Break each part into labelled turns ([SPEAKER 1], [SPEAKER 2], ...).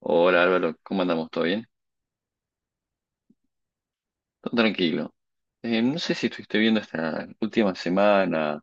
[SPEAKER 1] Hola Álvaro, ¿cómo andamos? ¿Todo bien? Todo tranquilo. No sé si estuviste viendo esta última semana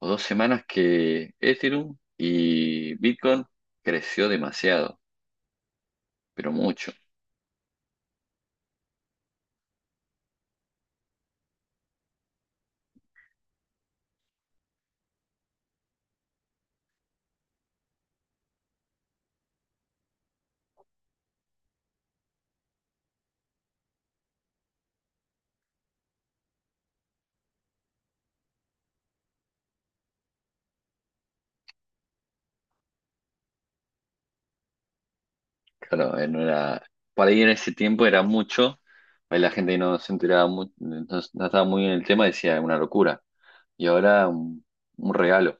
[SPEAKER 1] o dos semanas que Ethereum y Bitcoin creció demasiado, pero mucho. Claro, no era, para ir en ese tiempo era mucho, ahí la gente no se enteraba, no, no estaba muy en el tema, decía una locura. Y ahora un regalo,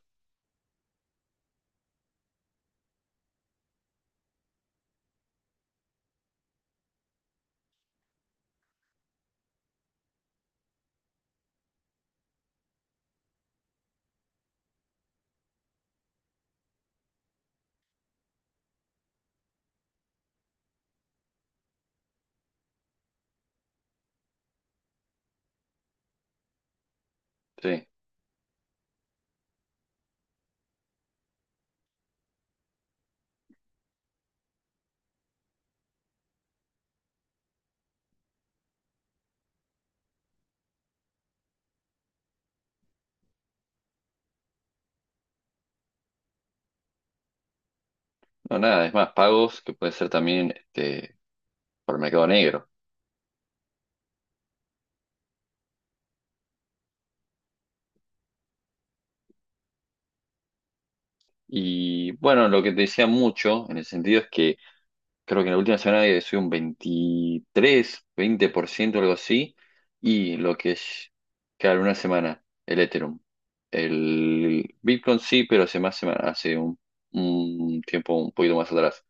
[SPEAKER 1] sí. No, nada, es más, pagos que puede ser también este, por mercado negro. Y bueno, lo que te decía mucho en el sentido es que creo que en la última semana he subido un 23 20% algo así, y lo que es, claro, una semana, el Ethereum. El Bitcoin sí, pero hace más semana, hace un tiempo un poquito más atrás.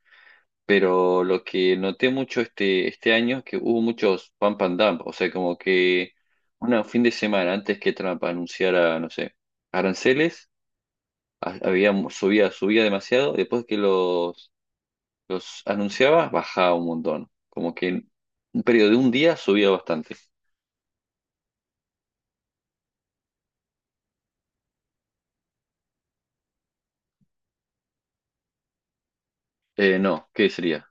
[SPEAKER 1] Pero lo que noté mucho este año es que hubo muchos pump and dump, o sea, como que un fin de semana antes que Trump anunciara, no sé, aranceles, había subía demasiado, después que los anunciaba, bajaba un montón. Como que en un periodo de un día subía bastante. No, ¿qué sería?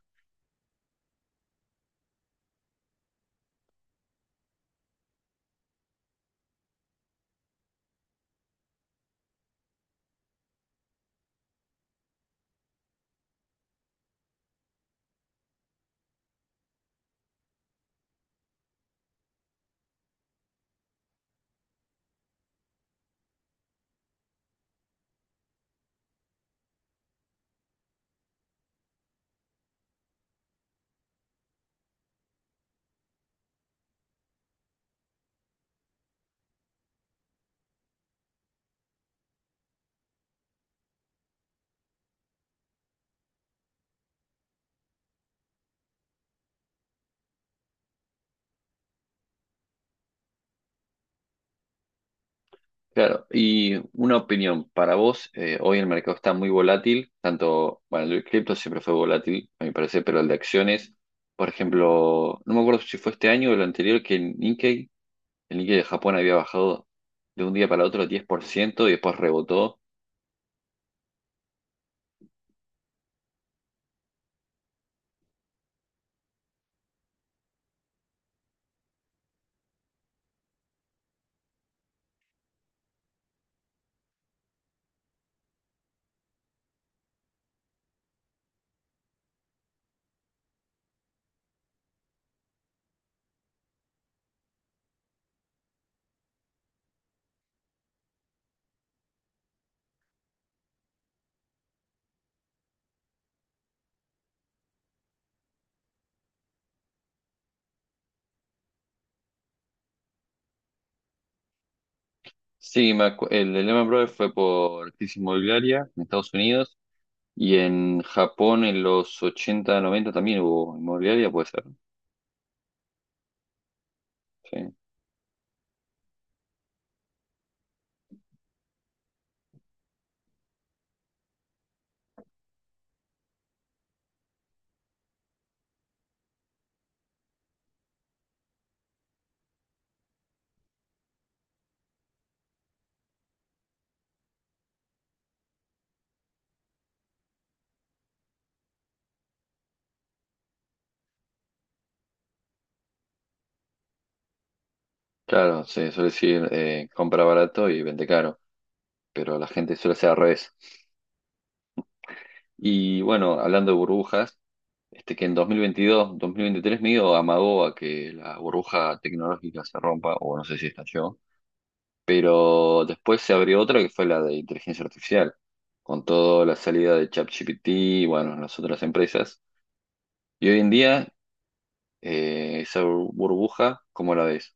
[SPEAKER 1] Claro, y una opinión para vos, hoy el mercado está muy volátil, tanto, bueno, el de cripto siempre fue volátil, a mi parecer, pero el de acciones, por ejemplo, no me acuerdo si fue este año o el anterior, que el Nikkei de Japón había bajado de un día para otro 10% y después rebotó. Sí, el de Lehman Brothers fue por crisis inmobiliaria en Estados Unidos. Y en Japón en los 80 90 también hubo inmobiliaria, puede ser. Sí. Claro, se suele decir compra barato y vende caro, pero la gente suele hacer al revés. Y bueno, hablando de burbujas, este que en 2022 2023 medio amagó a que la burbuja tecnológica se rompa, o no sé si estalló, pero después se abrió otra que fue la de inteligencia artificial, con toda la salida de ChatGPT, y bueno, las otras empresas. Y hoy en día, esa burbuja, ¿cómo la ves?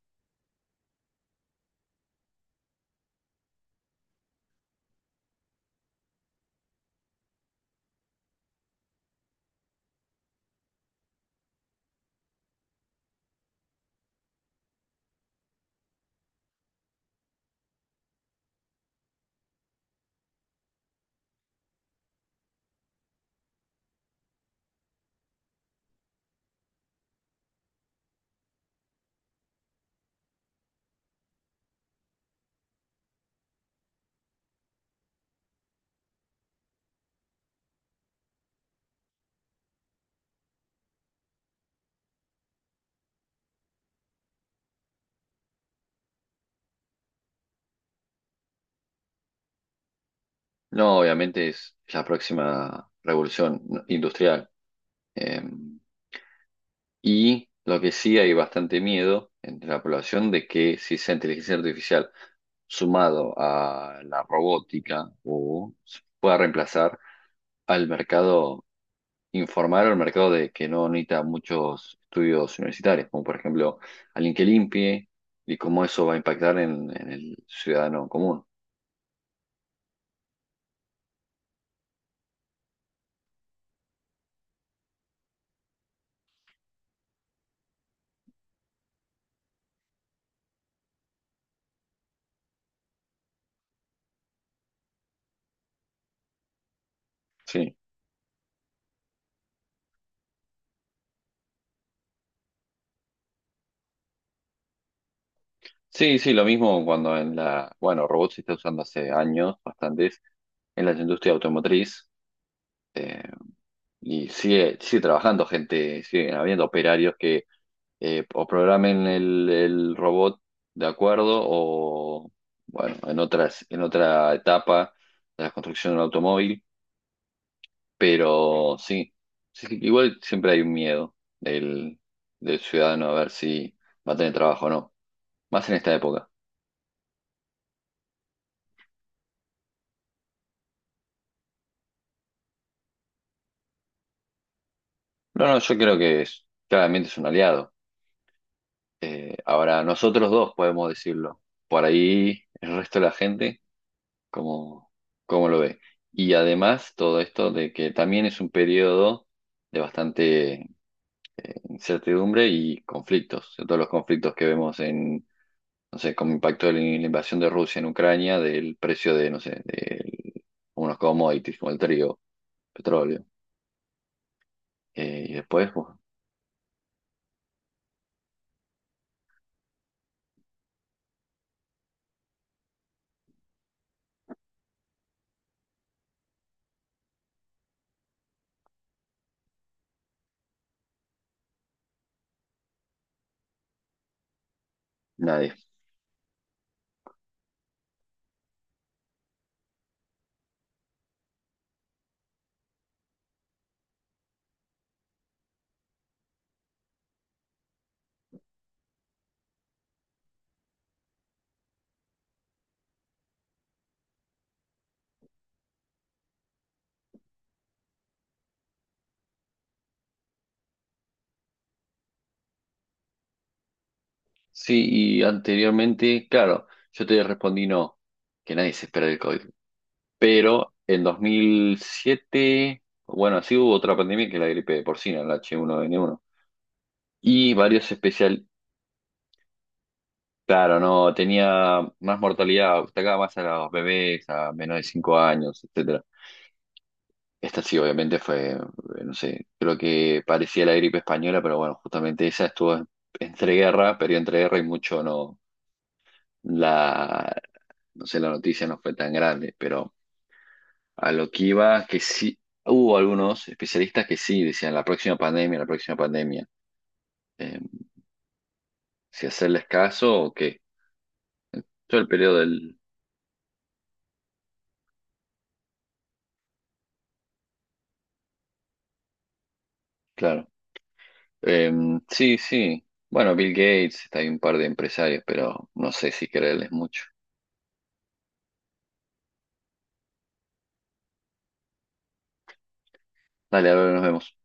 [SPEAKER 1] No, obviamente es la próxima revolución industrial. Eh, y lo que sí hay bastante miedo entre la población de que si esa inteligencia artificial sumado a la robótica o se pueda reemplazar al mercado informal o al mercado de que no necesita muchos estudios universitarios, como por ejemplo alguien que limpie y cómo eso va a impactar en el ciudadano común. Sí. Sí, sí, lo mismo cuando bueno, robots se está usando hace años, bastantes, en la industria automotriz, eh, y sigue, sigue trabajando gente, sigue habiendo operarios que o programen el robot de acuerdo, o bueno, en otras, en otra etapa de la construcción de un automóvil, pero sí, sí, sí, igual siempre hay un miedo del, del ciudadano a ver si va a tener trabajo o no, más en esta época. No, no, yo creo que es, claramente es un aliado. Ahora, nosotros dos podemos decirlo. Por ahí el resto de la gente, ¿cómo, cómo lo ve? Y además todo esto de que también es un periodo de bastante incertidumbre y conflictos. De todos los conflictos que vemos en, no sé, como impacto de la invasión de Rusia en Ucrania, del precio de, no sé, de unos commodities como el trigo, petróleo. Y después, pues, nada. Sí, y anteriormente, claro, yo te respondí no, que nadie se espera del COVID. Pero en 2007, bueno, sí hubo otra pandemia que la gripe porcina, el H1N1. Y varios especial, claro, no, tenía más mortalidad, atacaba más a los bebés, a menos de 5 años, etcétera. Esta sí, obviamente fue, no sé, creo que parecía la gripe española, pero bueno, justamente esa estuvo entre guerra, pero entre guerra y mucho no. la, no sé, la noticia no fue tan grande, pero a lo que iba, que sí, hubo algunos especialistas que sí decían la próxima pandemia, la próxima pandemia. Eh, si hacerles caso o qué. Todo el periodo del, claro. Eh, sí, sí. Bueno, Bill Gates, está hay un par de empresarios, pero no sé si creerles mucho. Dale, ahora nos vemos.